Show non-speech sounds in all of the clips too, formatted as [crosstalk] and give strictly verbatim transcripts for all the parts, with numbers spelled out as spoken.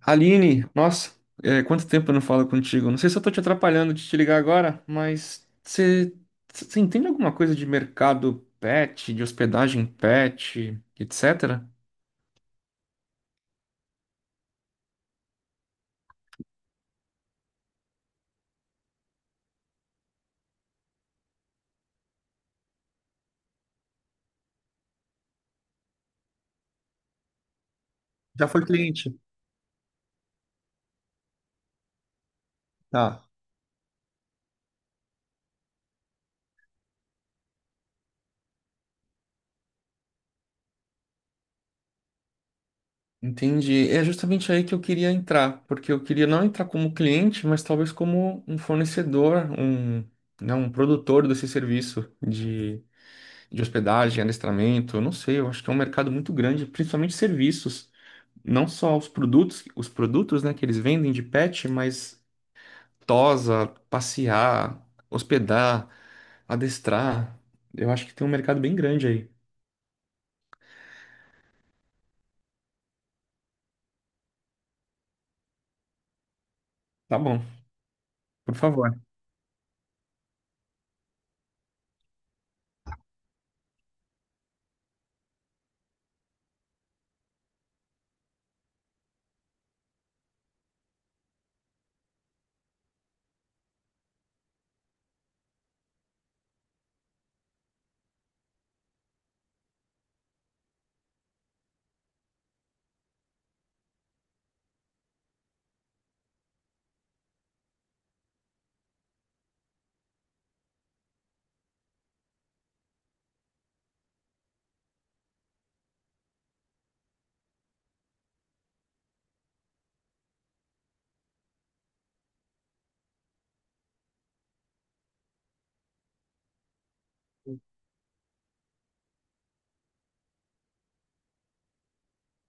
Aline, nossa, é, quanto tempo eu não falo contigo? Não sei se eu tô te atrapalhando de te ligar agora, mas você você entende alguma coisa de mercado pet, de hospedagem pet, etc? Já foi cliente. Tá. Entendi. É justamente aí que eu queria entrar, porque eu queria não entrar como cliente, mas talvez como um fornecedor, um, né, um produtor desse serviço de de hospedagem, adestramento, eu não sei, eu acho que é um mercado muito grande, principalmente serviços, não só os produtos, os produtos, né, que eles vendem de pet, mas tosa, passear, hospedar, adestrar. Eu acho que tem um mercado bem grande aí. Tá bom, por favor.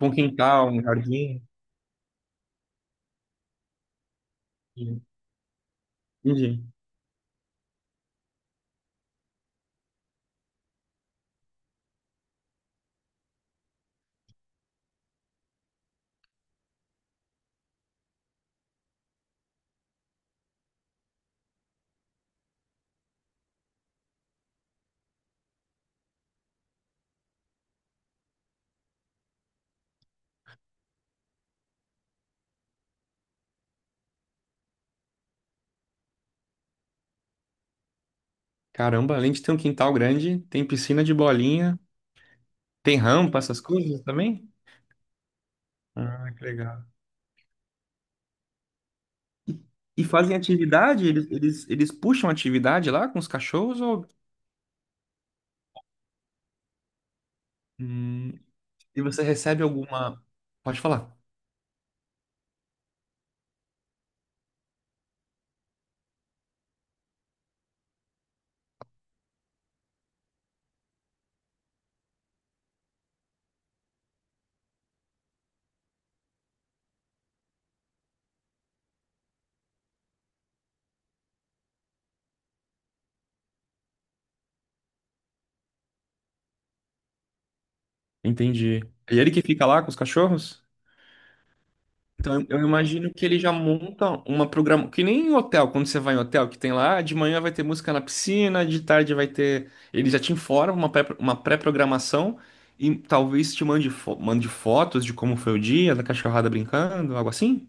Um quintal, um jardim. Entendi. Caramba, além de ter um quintal grande, tem piscina de bolinha, tem rampa, essas coisas também? Ah, que legal. E e fazem atividade? Eles, eles, eles puxam atividade lá com os cachorros ou hum, e você recebe alguma. Pode falar. Entendi. É ele que fica lá com os cachorros? Então eu eu imagino que ele já monta uma programa. Que nem em hotel, quando você vai em hotel, que tem lá, de manhã vai ter música na piscina, de tarde vai ter. Ele já te informa uma pré, uma pré-programação e talvez te mande, fo- mande fotos de como foi o dia, da cachorrada brincando, algo assim?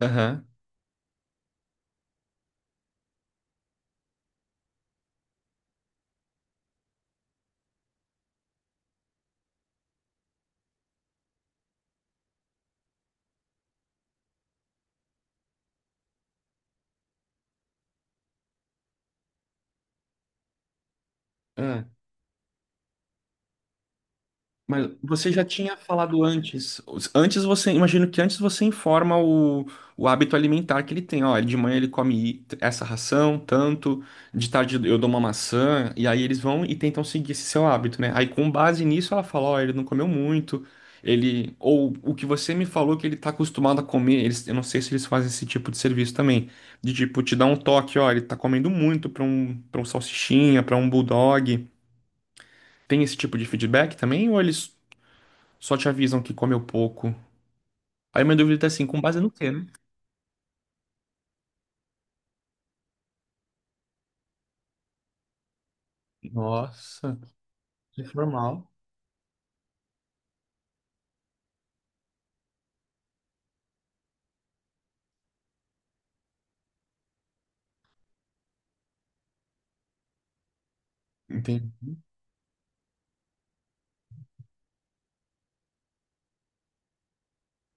Aham. Mas você já tinha falado antes. Os- Antes você, imagino que antes você informa o, o hábito alimentar que ele tem. Ó, de manhã ele come essa ração, tanto, de tarde eu dou uma maçã, e aí eles vão e tentam seguir esse seu hábito, né? Aí com base nisso ela fala, ó, ele não comeu muito, ele. Ou o que você me falou que ele tá acostumado a comer, eles, eu não sei se eles fazem esse tipo de serviço também. De tipo, te dar um toque, ó, ele tá comendo muito pra um, pra um salsichinha, pra um bulldog. Tem esse tipo de feedback também? Ou eles só te avisam que comeu pouco. Aí minha dúvida é assim, com base no quê, né? Nossa, que formal. Entendi.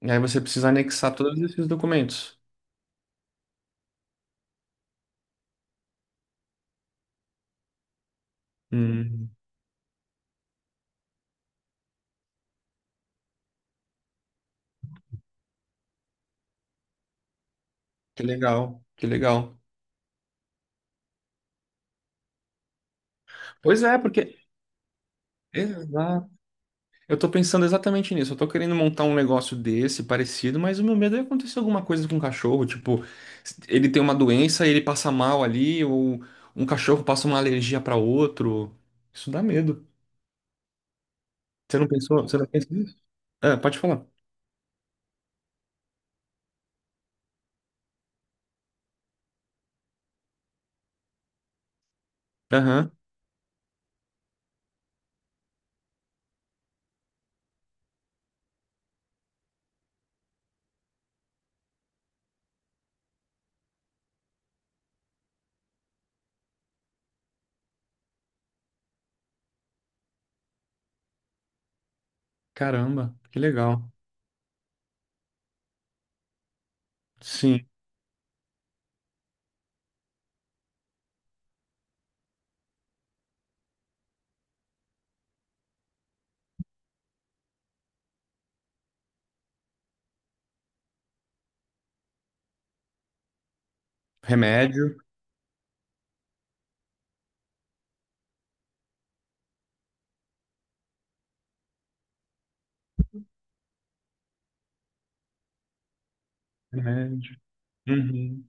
E aí você precisa anexar todos esses documentos. Hum, que legal, que legal. Pois é, porque. Exato. Eu tô pensando exatamente nisso. Eu tô querendo montar um negócio desse, parecido, mas o meu medo é acontecer alguma coisa com o cachorro. Tipo, ele tem uma doença e ele passa mal ali, ou um cachorro passa uma alergia para outro. Isso dá medo. Você não pensou? Você não pensa nisso? Ah, pode falar. Aham. Caramba, que legal. Sim, remédio, remédio. Uhum.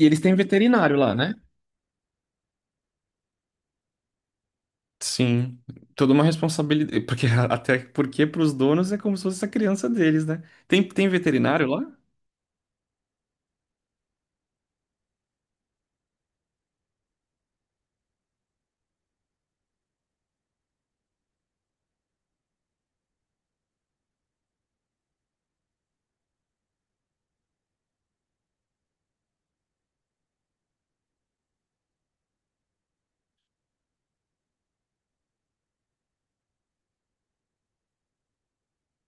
E eles têm veterinário lá, né? Sim, toda uma responsabilidade, porque [laughs] até porque para os donos é como se fosse a criança deles, né? Tem, tem veterinário lá?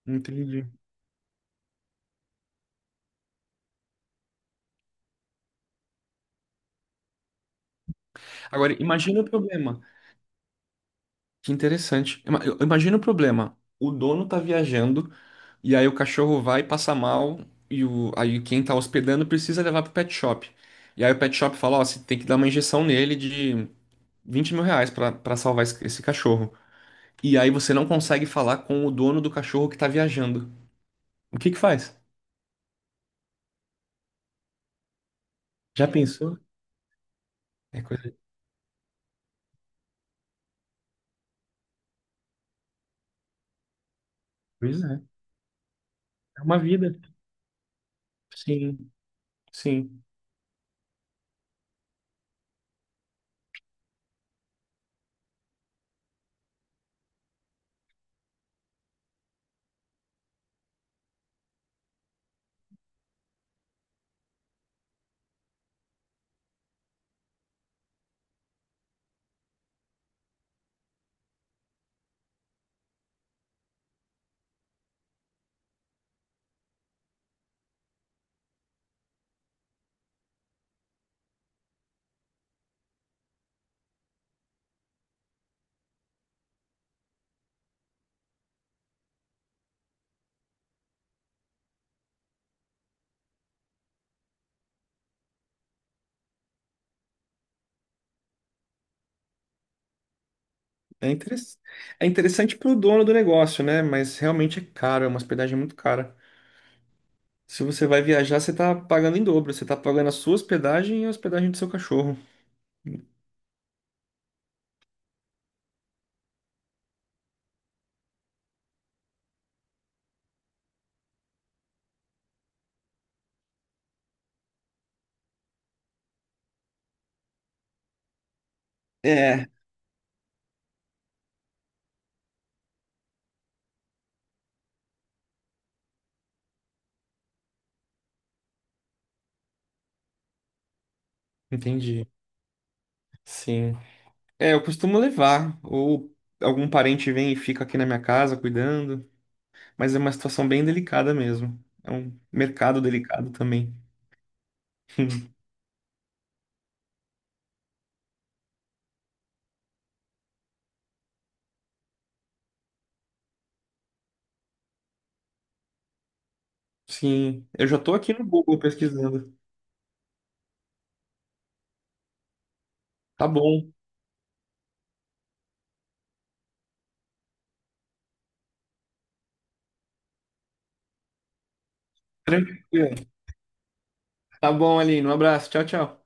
Entendi. Agora, imagina o problema. Que interessante. Ima- Imagina o problema. O dono tá viajando e aí o cachorro vai passa mal e o, aí quem tá hospedando precisa levar pro pet shop. E aí o pet shop fala, ó, você tem que dar uma injeção nele. Vinte mil reais pra pra salvar esse, esse cachorro. E aí você não consegue falar com o dono do cachorro que tá viajando. O que que faz? Já pensou? É coisa. Pois é. É uma vida. Sim, sim. É interessante. É interessante pro dono do negócio, né? Mas realmente é caro, é uma hospedagem muito cara. Se você vai viajar, você tá pagando em dobro. Você tá pagando a sua hospedagem e a hospedagem do seu cachorro. É, Entendi. Sim. É, eu costumo levar, ou algum parente vem e fica aqui na minha casa cuidando, mas é uma situação bem delicada mesmo. É um mercado delicado também. [laughs] Sim, eu já tô aqui no Google pesquisando. Tá bom. Tranquilo. Tá bom, Aline. Um abraço. Tchau, tchau.